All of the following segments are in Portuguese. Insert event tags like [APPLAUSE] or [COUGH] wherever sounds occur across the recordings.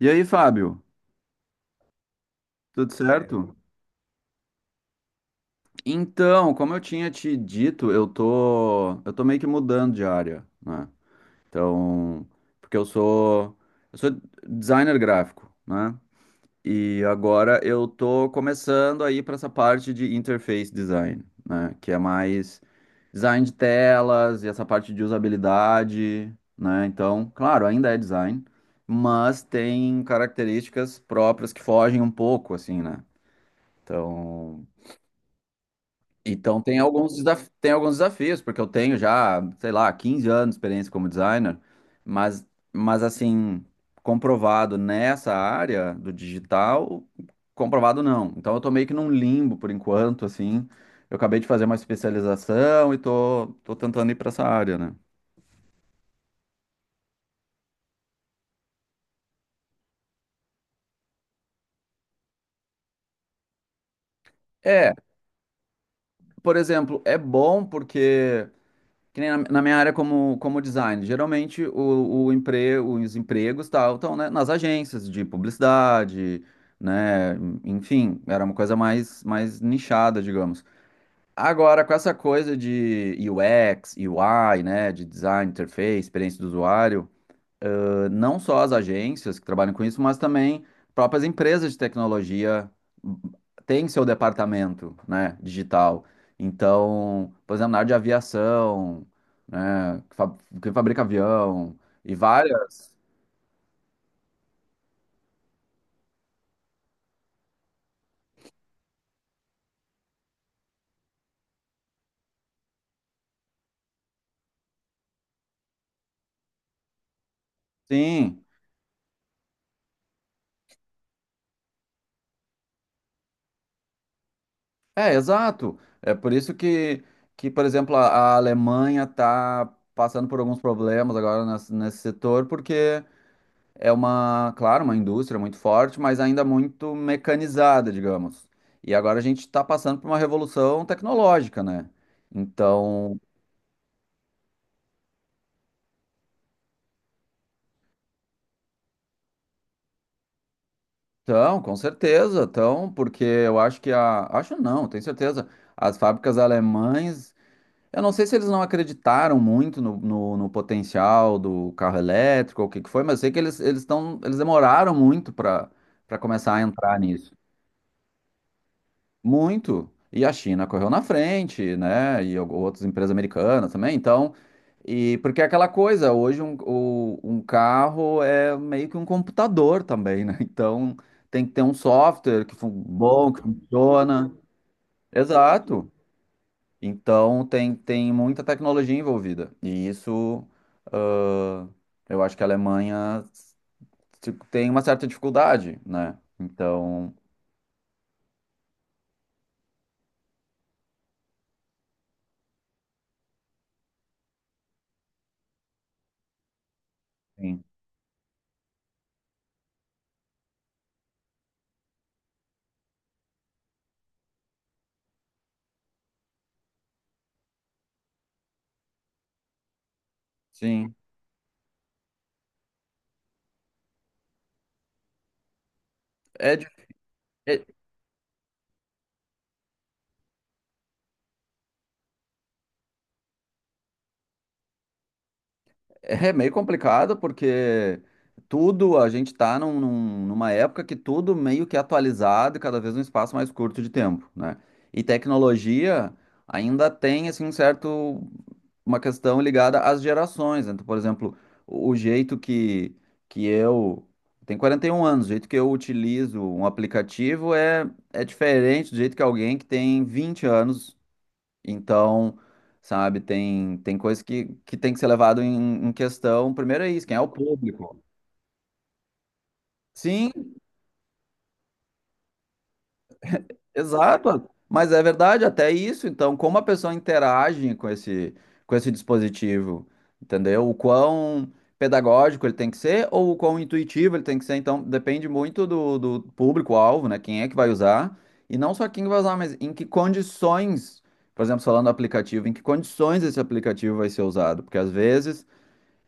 E aí, Fábio, tudo certo? Então, como eu tinha te dito, eu tô meio que mudando de área, né? Então, porque eu sou designer gráfico, né? E agora eu tô começando aí para essa parte de interface design, né? Que é mais design de telas e essa parte de usabilidade, né? Então, claro, ainda é design, mas tem características próprias que fogem um pouco, assim, né? Então Então tem alguns, desaf tem alguns desafios, porque eu tenho já, sei lá, 15 anos de experiência como designer, mas, mas assim, comprovado nessa área do digital, comprovado não. Então eu tô meio que num limbo por enquanto, assim. Eu acabei de fazer uma especialização e tô tentando ir para essa área, né? É, por exemplo, é bom porque que nem na minha área como, como design, geralmente os empregos tal, estão, né, nas agências de publicidade, né? Enfim, era uma coisa mais, mais nichada, digamos. Agora, com essa coisa de UX, UI, né? De design, interface, experiência do usuário, não só as agências que trabalham com isso, mas também próprias empresas de tecnologia têm seu departamento, né, digital. Então, por exemplo, na área de aviação, né, que fabrica avião e várias. Sim, é, exato. É por isso que por exemplo, a Alemanha está passando por alguns problemas agora nesse, nesse setor, porque é uma, claro, uma indústria muito forte, mas ainda muito mecanizada, digamos. E agora a gente está passando por uma revolução tecnológica, né? Então, então, com certeza, então, porque eu acho que acho não, tenho certeza, as fábricas alemães, eu não sei se eles não acreditaram muito no potencial do carro elétrico ou o que que foi, mas eu sei que eles estão, eles demoraram muito para começar a entrar nisso. Muito. E a China correu na frente, né? E outras empresas americanas também. Então, e porque é aquela coisa, hoje um carro é meio que um computador também, né? [LAUGHS] Então, tem que ter um software bom, que funciona. Exato. Então, tem, tem muita tecnologia envolvida. E isso, ah, eu acho que a Alemanha tipo, tem uma certa dificuldade, né? Então, sim. Sim. É, difícil. É meio complicado porque tudo, a gente tá numa época que tudo meio que é atualizado e cada vez um espaço mais curto de tempo, né? E tecnologia ainda tem, assim, um certo, uma questão ligada às gerações, né? Então, por exemplo, o jeito que eu, tenho 41 anos, o jeito que eu utilizo um aplicativo é diferente do jeito que alguém que tem 20 anos então, sabe, tem, tem coisa que tem que ser levado em questão. Primeiro é isso, quem é o público. Sim, exato. Mas é verdade, até isso. Então, como a pessoa interage com esse dispositivo, entendeu? O quão pedagógico ele tem que ser ou o quão intuitivo ele tem que ser. Então, depende muito do público-alvo, né? Quem é que vai usar. E não só quem vai usar, mas em que condições, por exemplo, falando do aplicativo, em que condições esse aplicativo vai ser usado. Porque às vezes.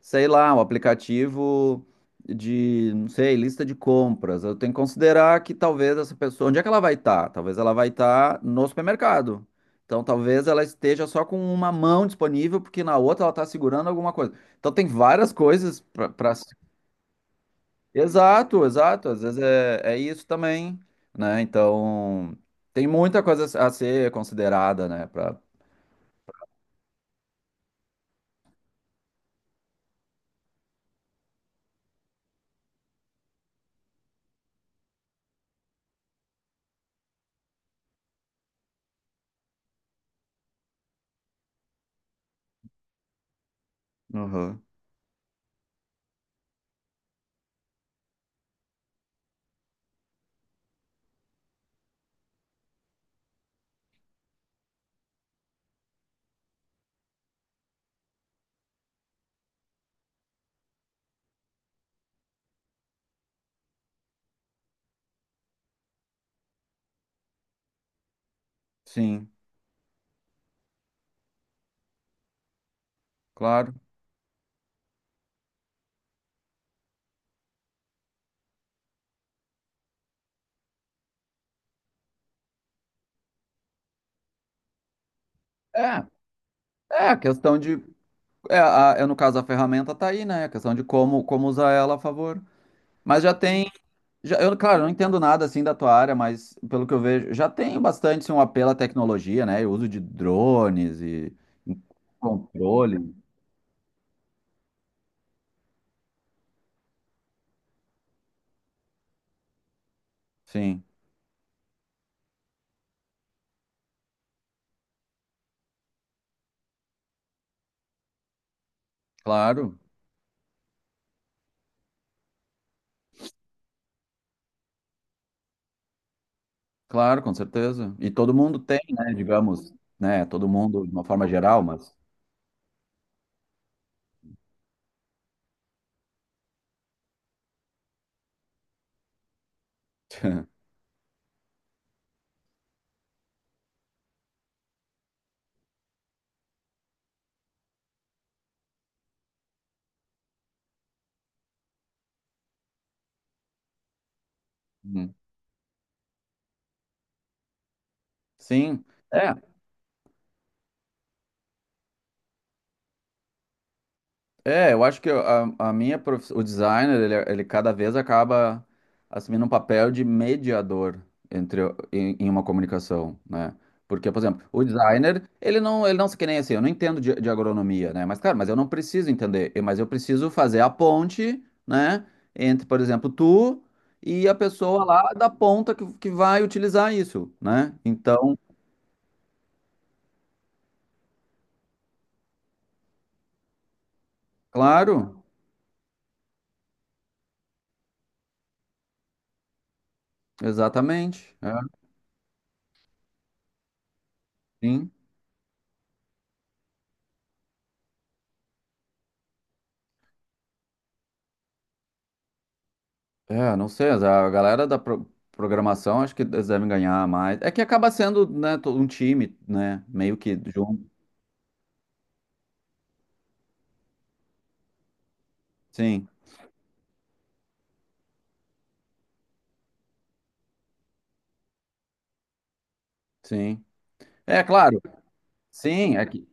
Sei lá, um aplicativo de, não sei, lista de compras. Eu tenho que considerar que talvez essa pessoa, onde é que ela vai estar? Talvez ela vai estar no supermercado. Então, talvez ela esteja só com uma mão disponível, porque na outra ela está segurando alguma coisa. Então, tem várias coisas para. Exato, exato. Às vezes é isso também, né? Então, tem muita coisa a ser considerada, né? Pra... Uhum. Sim, claro. É, é a questão de é, é, no caso, a ferramenta tá aí, né? A questão de como, como usar ela a favor. Mas já tem. Já, eu, claro, não entendo nada assim da tua área, mas pelo que eu vejo, já tem bastante assim, um apelo à tecnologia, né? E o uso de drones e controle. Sim, claro, claro, com certeza. E todo mundo tem, né? Digamos, né? Todo mundo de uma forma geral, mas. [LAUGHS] Hum, sim. É. É, eu acho que o designer, ele cada vez acaba assumindo um papel de mediador entre, em, em uma comunicação, né? Porque, por exemplo, o designer, ele não se que nem assim, eu não entendo de agronomia, né? Mas, cara, eu não preciso entender, mas eu preciso fazer a ponte, né? Entre, por exemplo, tu e a pessoa lá da ponta que vai utilizar isso, né? Então, claro, exatamente. É, sim. É, não sei, a galera da pro- programação acho que eles devem ganhar mais. É que acaba sendo, né, um time, né, meio que junto. Sim, sim. É, claro. Sim, é que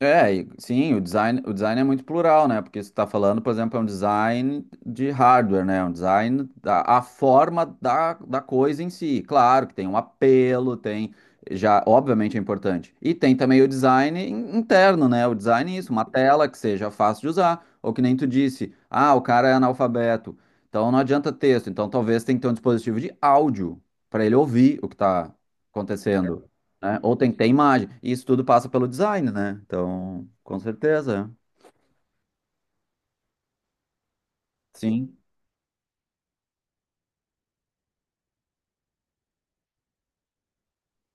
é, e, sim, o design é muito plural, né? Porque você está falando, por exemplo, é um design de hardware, né? É um design da a forma da coisa em si. Claro que tem um apelo, tem já, obviamente é importante. E tem também o design interno, né? O design isso, uma tela que seja fácil de usar, ou que nem tu disse, ah, o cara é analfabeto, então não adianta texto. Então talvez tenha que ter um dispositivo de áudio para ele ouvir o que está acontecendo né? Ou tem que ter imagem. E isso tudo passa pelo design, né? Então, com certeza. Sim.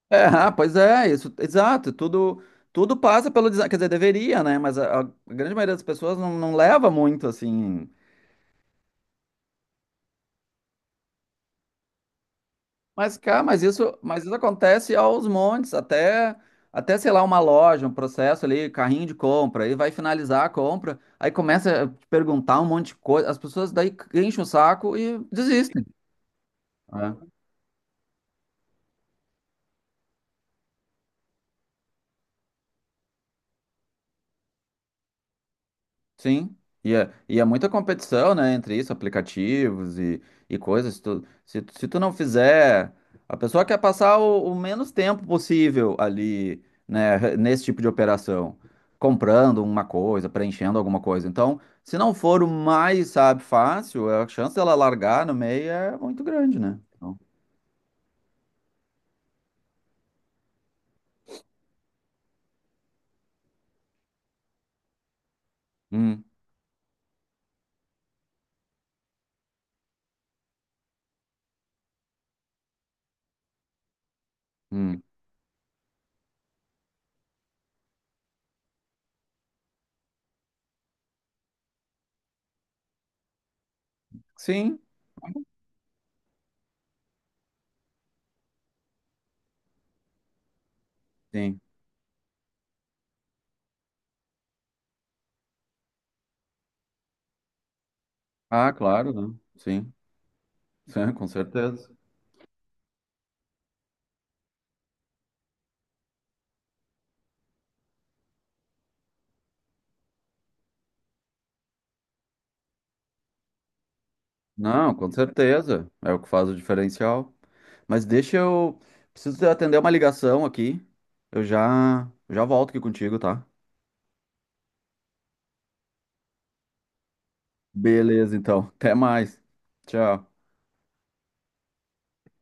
É, ah, pois é, isso, exato. Tudo, tudo passa pelo design. Quer dizer, deveria, né? Mas a grande maioria das pessoas não, não leva muito assim. Mas, cara, mas isso acontece aos montes, até, até, sei lá, uma loja, um processo ali, carrinho de compra, aí vai finalizar a compra, aí começa a te perguntar um monte de coisa, as pessoas daí enchem o saco e desistem. Né? Sim, e é muita competição, né, entre isso, aplicativos e coisas. Se tu, se tu não fizer, a pessoa quer passar o menos tempo possível ali, né, [LAUGHS] nesse tipo de operação, comprando uma coisa, preenchendo alguma coisa. Então, se não for o mais, sabe, fácil, a chance dela largar no meio é muito grande, né? Então, hum, hum. Sim, sim. Ah, claro, né? Sim, [LAUGHS] sim, com certeza. Não, com certeza. É o que faz o diferencial. Mas deixa eu. Preciso atender uma ligação aqui. Eu já volto aqui contigo, tá? Beleza, então. Até mais. Tchau.